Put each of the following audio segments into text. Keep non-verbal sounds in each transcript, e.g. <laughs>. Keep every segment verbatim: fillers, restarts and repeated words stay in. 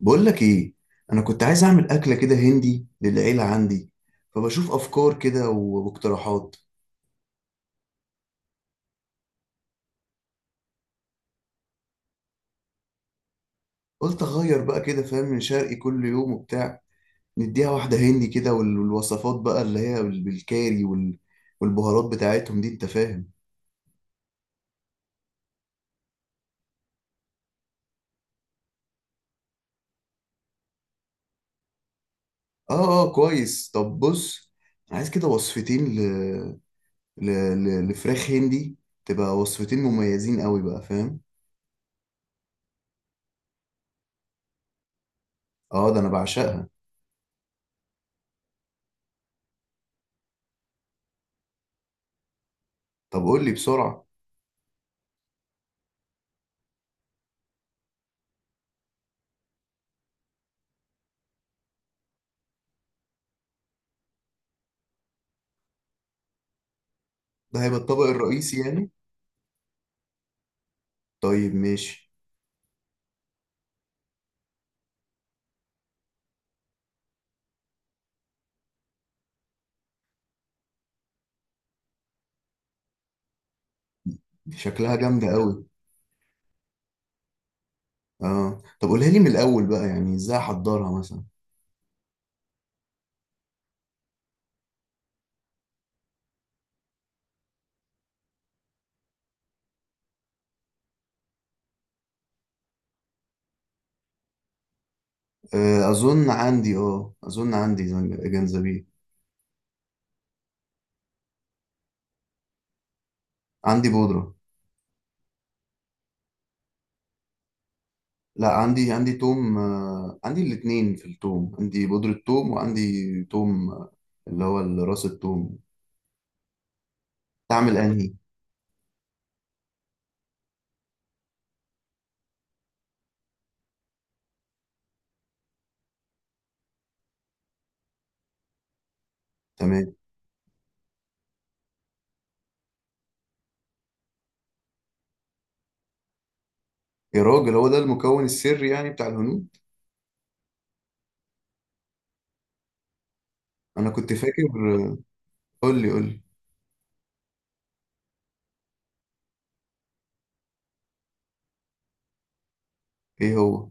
بقول لك ايه؟ انا كنت عايز اعمل اكله كده هندي للعيله عندي. فبشوف افكار كده و- واقتراحات. قلت اغير بقى، كده فاهم؟ من شرقي كل يوم وبتاع، نديها واحده هندي كده. وال- والوصفات بقى اللي هي بال- بالكاري وال- والبهارات بتاعتهم دي، انت فاهم؟ اه، اه، كويس. طب بص، أنا عايز كده وصفتين ل... ل... ل... لفراخ هندي. تبقى وصفتين مميزين قوي بقى، فاهم؟ اه، ده انا بعشقها. طب قول لي بسرعه. ده هيبقى الطبق الرئيسي يعني؟ طيب ماشي. شكلها جامدة قوي. اه، طب قولها لي من الأول بقى، يعني ازاي احضرها مثلا؟ آه، أظن عندي، اه أظن عندي زنج- جنزبيل. عندي بودرة. لا، عندي عندي توم. آه، عندي الاتنين. في التوم عندي بودرة توم وعندي توم. آه، اللي هو ال- راس التوم. تعمل أنهي؟ تمام. يا راجل، هو ده المكون السري يعني بتاع الهنود. أنا كنت فاكر. قول لي قول لي إيه هو.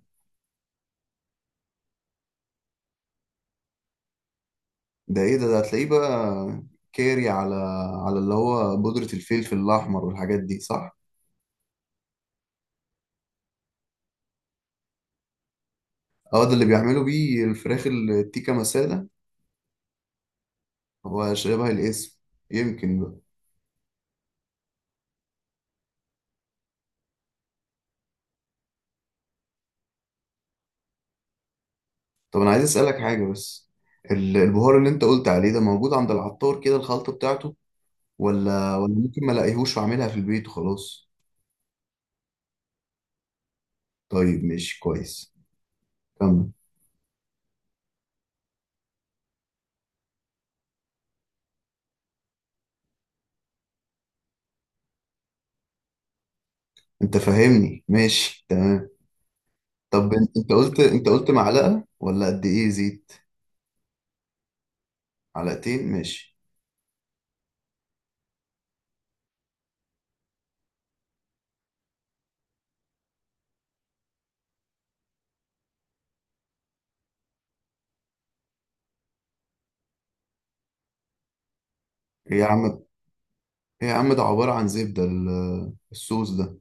ده إيه ده ده هتلاقيه بقى. كاري، على على اللي هو بودرة الفلفل الأحمر والحاجات دي صح. اه، ده اللي بيعملوا بيه الفراخ التيكا مسالة. هو شبه الاسم، يمكن بقى. طب انا عايز اسألك حاجة بس، ال- البهار اللي انت قلت عليه ده موجود عند العطار كده الخلطة بتاعته؟ ولا ولا ممكن ما الاقيهوش واعملها في البيت وخلاص؟ طيب ماشي كويس، كمل. انت فاهمني، ماشي تمام. طب ان- انت قلت انت قلت معلقة ولا قد ايه زيت؟ معلقتين ماشي. ايه يا عم ايه يا عم ده عبارة عن زبدة ال- الصوص ده.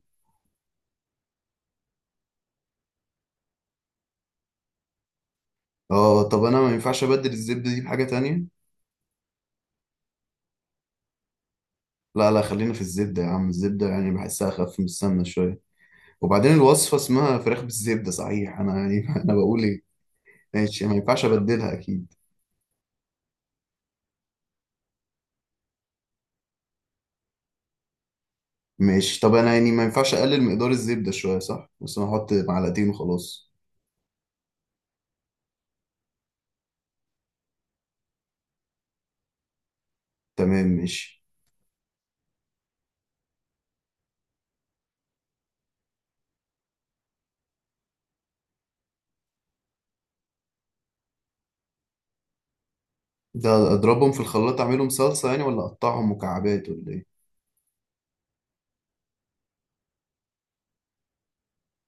اه، طب انا ما ينفعش ابدل الزبدة دي بحاجة تانية؟ لا لا، خلينا في الزبدة يا عم. الزبدة يعني بحسها أخف من السمنة شوية. وبعدين الوصفة اسمها فراخ بالزبدة صحيح، أنا يعني <laughs> أنا بقول إيه؟ ماشي، ما ينفعش أبدلها أكيد. ماشي، طب أنا يعني ما ينفعش أقلل مقدار الزبدة شوية؟ صح، بس أنا أحط معلقتين وخلاص. تمام ماشي. ده أضربهم في الخلاط أعملهم صلصة يعني، ولا أقطعهم مكعبات، ولا إيه؟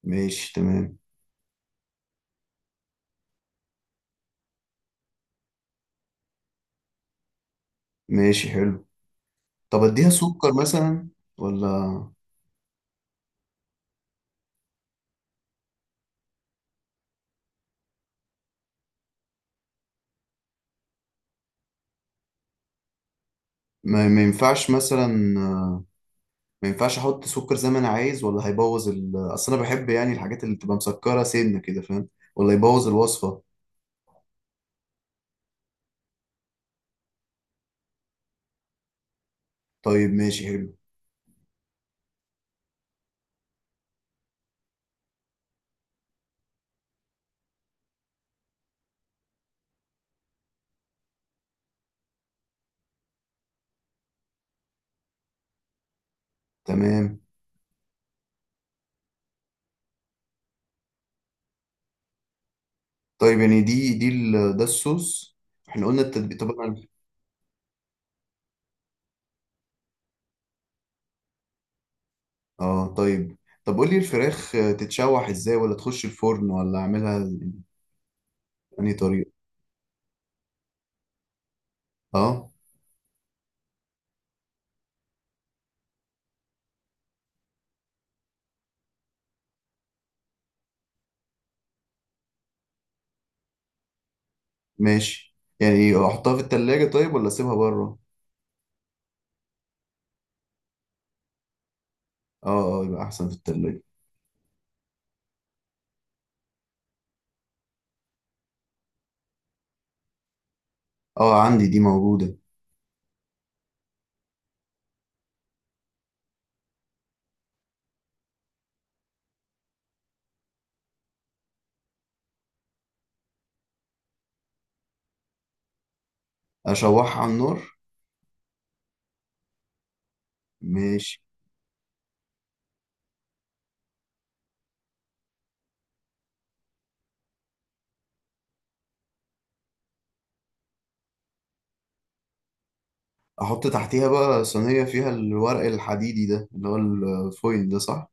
ماشي تمام. ماشي حلو. طب أديها سكر مثلا ولا؟ ما, ما ينفعش مثلا، ما ينفعش احط سكر زي ما انا عايز؟ ولا هيبوظ ال... اصل انا بحب يعني الحاجات اللي بتبقى مسكره سنه كده، فاهم؟ ولا يبوظ الوصفه؟ طيب ماشي حلو. تمام. طيب يعني دي دي ال... ده الصوص، احنا قلنا التتبيل. طب انا اه طيب طب قول لي الفراخ، آه، تتشوح ازاي، ولا تخش الفرن، ولا اعملها بأنهي طريقه؟ اه ماشي، يعني احطها في التلاجة طيب ولا اسيبها بره؟ اه، اه، يبقى احسن في التلاجة. اه، عندي دي موجوده. اشوحها على النار؟ ماشي. احط تحتيها بقى صينية فيها الورق الحديدي ده اللي هو الفويل ده صح؟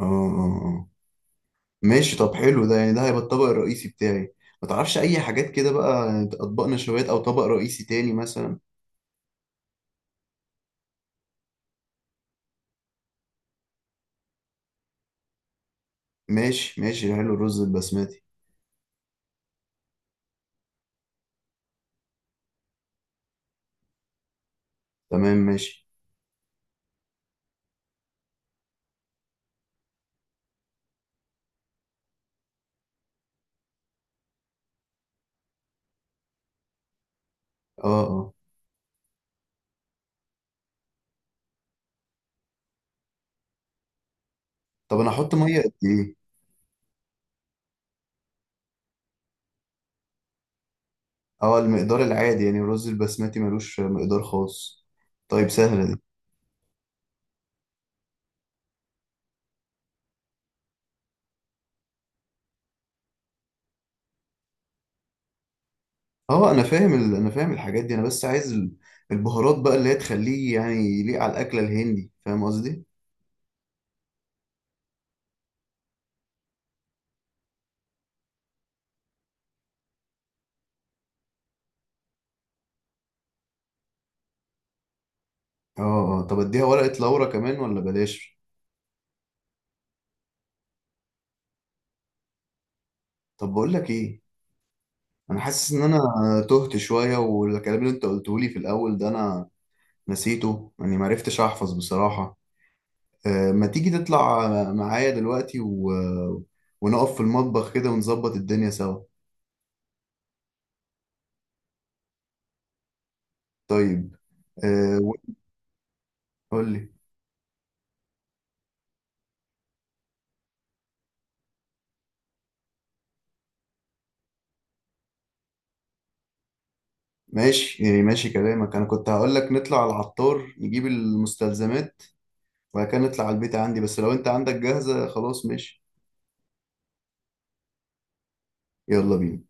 اه، اه، اه. ماشي، طب حلو. ده يعني ده هيبقى الطبق الرئيسي بتاعي. ما تعرفش اي حاجات كده بقى، يعني اطباق نشويات او طبق رئيسي تاني مثلا؟ ماشي ماشي حلو، الرز البسمتي. تمام ماشي. اه، اه. طب انا احط ميه قد ايه؟ اه، المقدار العادي يعني، الرز البسمتي ملوش مقدار خاص. طيب، سهلة دي. اه، انا فاهم ال... انا فاهم الحاجات دي، انا بس عايز ال- البهارات بقى اللي هي تخليه يعني يليق على الاكلة الهندي، فاهم قصدي؟ اه، اه، طب اديها ورقة لورا كمان ولا بلاش؟ طب بقول لك ايه، انا حاسس ان انا تهت شوية، والكلام اللي انت قلته لي في الاول ده انا نسيته يعني، ما عرفتش احفظ بصراحة. آه، ما تيجي تطلع معايا دلوقتي و... ونقف في المطبخ كده ونظبط الدنيا سوا؟ طيب. آه، قول لي. ماشي، يعني ماشي كلامك، انا كنت هقول لك نطلع على العطار نجيب المستلزمات وبعد كده نطلع على البيت عندي، بس لو انت عندك جاهزة خلاص ماشي. يلا بينا.